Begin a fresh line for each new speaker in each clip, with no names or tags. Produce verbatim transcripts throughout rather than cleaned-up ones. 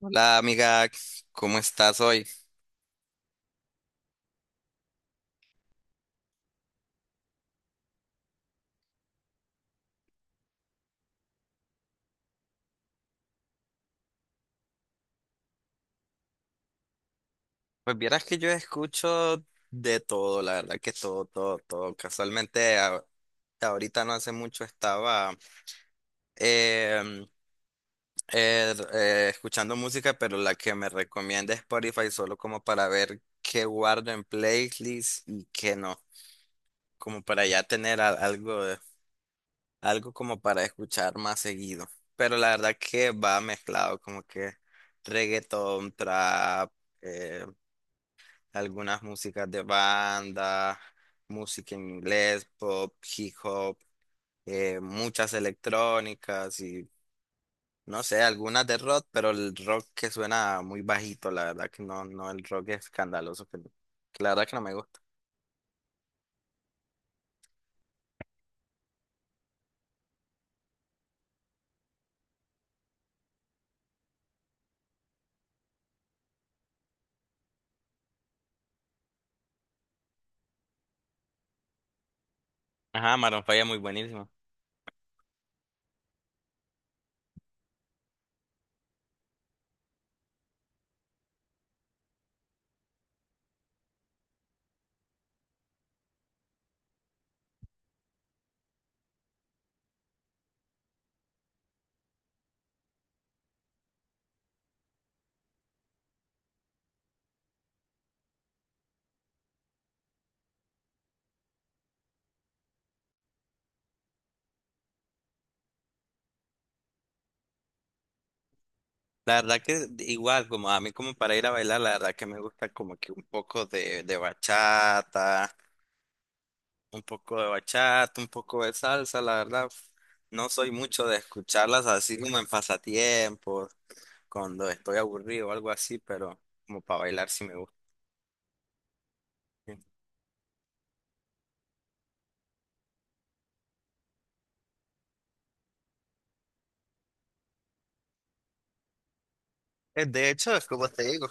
Hola amiga, ¿cómo estás hoy? Pues vieras que yo escucho de todo, la verdad que todo, todo, todo. Casualmente a- ahorita no hace mucho estaba em, eh, eh, escuchando música, pero la que me recomienda Spotify solo como para ver qué guardo en playlist y qué no, como para ya tener al- algo, de- algo como para escuchar más seguido. Pero la verdad que va mezclado, como que reggaetón, trap, eh, algunas músicas de banda, música en inglés, pop, hip hop, eh, muchas electrónicas y no sé, algunas de rock, pero el rock que suena muy bajito, la verdad que no, no, el rock escandaloso, que, que la verdad que no me gusta. Ajá, Maroon Five es muy buenísimo. La verdad que igual, como a mí como para ir a bailar, la verdad que me gusta como que un poco de, de bachata, un poco de bachata, un poco de salsa, la verdad. No soy mucho de escucharlas así como en pasatiempos, cuando estoy aburrido o algo así, pero como para bailar sí me gusta. Eh, De hecho, es como te digo,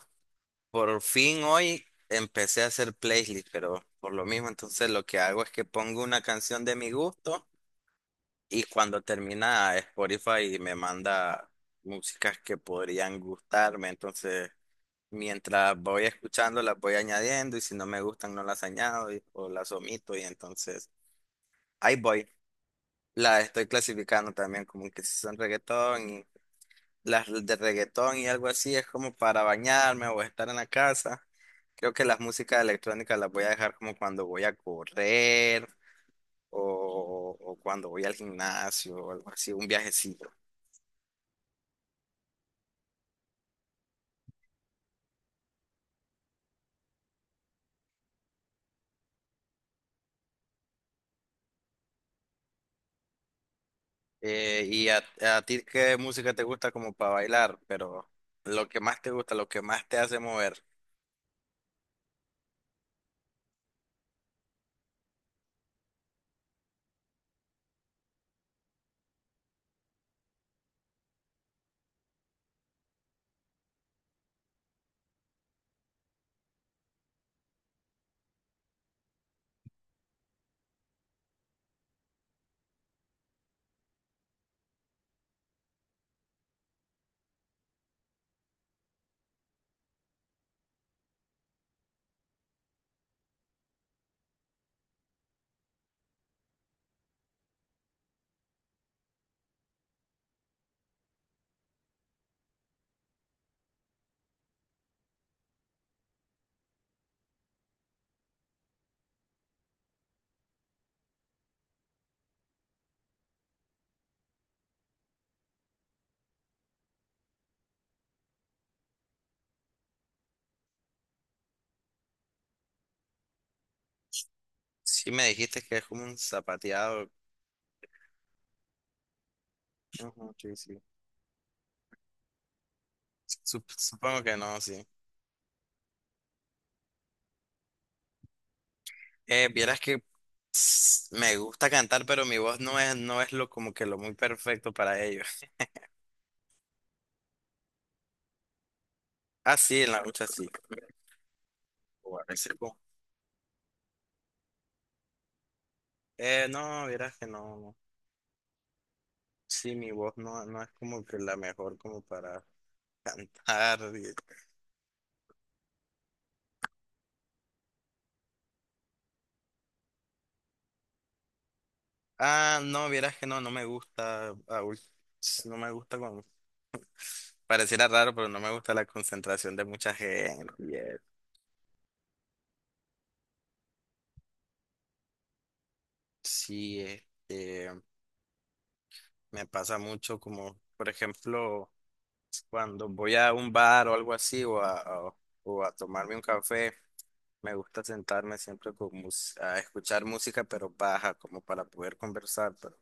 por fin hoy empecé a hacer playlist, pero por lo mismo, entonces lo que hago es que pongo una canción de mi gusto y cuando termina Spotify me manda músicas que podrían gustarme, entonces mientras voy escuchando las voy añadiendo y si no me gustan no las añado y- o las omito y entonces ahí voy. Las estoy clasificando también como que si son reggaetón y las de reggaetón y algo así es como para bañarme o estar en la casa. Creo que las músicas electrónicas las voy a dejar como cuando voy a correr o, o cuando voy al gimnasio o algo así, un viajecito. Eh, ¿y a, a ti qué música te gusta como para bailar? Pero lo que más te gusta, lo que más te hace mover. Sí me dijiste que es como un zapateado. Ujú, sí, sí. Sup- supongo que no, sí. Eh, vieras que s- me gusta cantar, pero mi voz no es, no es lo como que lo muy perfecto para ello. Ah, sí, en la lucha sí. O a veces. Eh, no, vieras que no, no. Sí, mi voz no, no es como que la mejor como para cantar. y- Ah, no, vieras que no, no me gusta. Ah, uy, no me gusta con... Pareciera raro, pero no me gusta la concentración de mucha gente. Y eso. Sí, este, me pasa mucho como, por ejemplo, cuando voy a un bar o algo así o a, o o a tomarme un café. Me gusta sentarme siempre con mus- a escuchar música, pero baja, como para poder conversar. Pero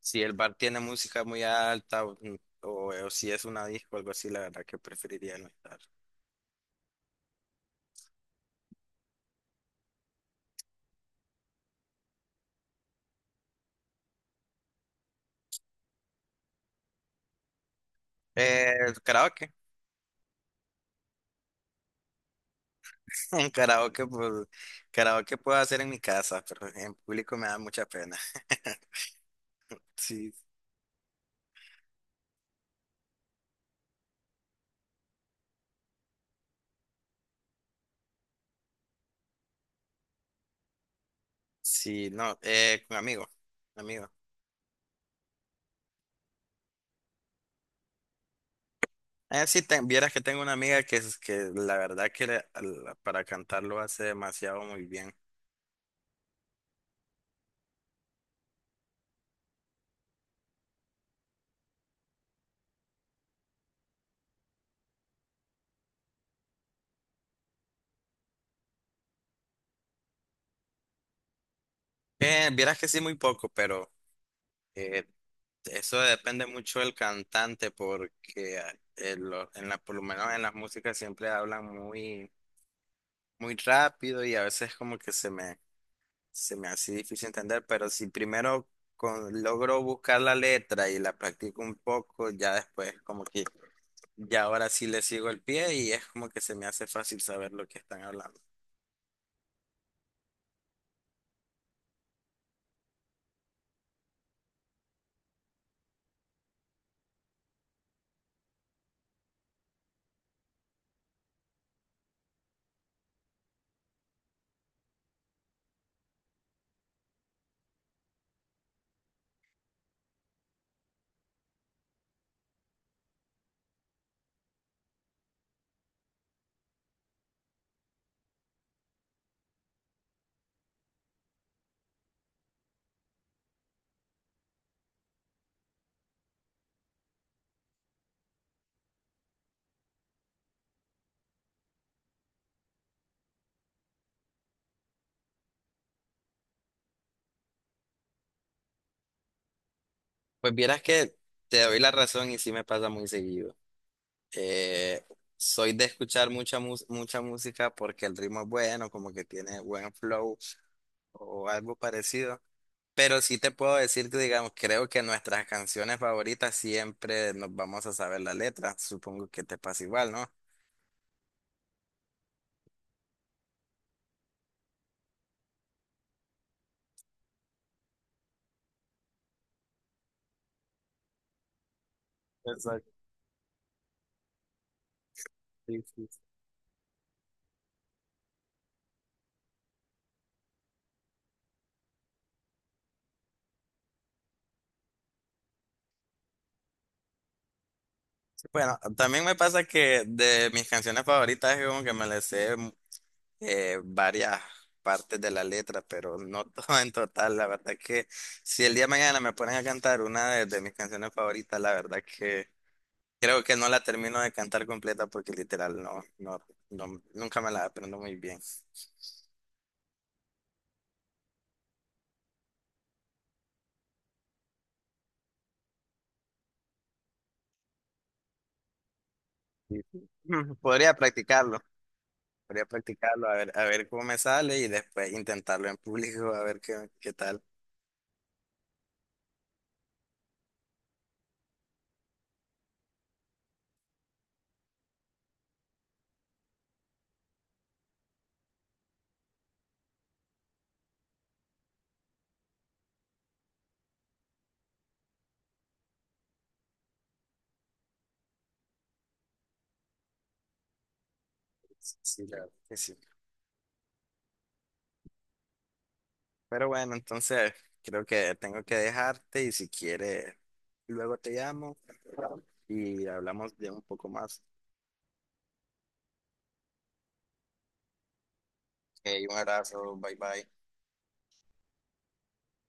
si el bar tiene música muy alta o, mm, o- eh, o si es una disco o algo así, la verdad que preferiría no estar. Eh, karaoke. Un karaoke, pues, karaoke puedo hacer en mi casa, pero en público me da mucha pena. Sí, sí, no, eh, con amigos, amigos. Eh, sí, te, vieras que tengo una amiga que, es- que la verdad que le- al- para cantarlo hace demasiado muy bien. Eh, vieras que sí, muy poco, pero eh, eso depende mucho del cantante porque ah, en lo- en la, por lo menos en las músicas siempre hablan muy, muy rápido y a veces como que se me, se me hace difícil entender, pero si primero con- logro buscar la letra y la practico un poco, ya después como que ya ahora sí le sigo el pie y es como que se me hace fácil saber lo que están hablando. Pues vieras que te doy la razón y sí me pasa muy seguido. Eh, soy de escuchar mucha, mus- mucha música porque el ritmo es bueno, como que tiene buen flow o algo parecido. Pero sí te puedo decir que, digamos, creo que nuestras canciones favoritas siempre nos vamos a saber la letra. Supongo que te pasa igual, ¿no? Exacto. Sí, sí, sí. Bueno, también me pasa que de mis canciones favoritas es como que me las sé, eh, varias partes de la letra, pero no todo en total. La verdad que si el día de mañana me ponen a cantar una de, de mis canciones favoritas, la verdad que creo que no la termino de cantar completa porque literal no, no, no- nunca me la aprendo muy bien. Y- Podría practicarlo, podría practicarlo, a ver, a ver cómo me sale y después intentarlo en público, a ver qué, qué tal. Sí, la verdad que sí. Pero bueno, entonces creo que tengo que dejarte y si quieres, luego te llamo y hablamos de un poco más. Ok, un abrazo, bye bye.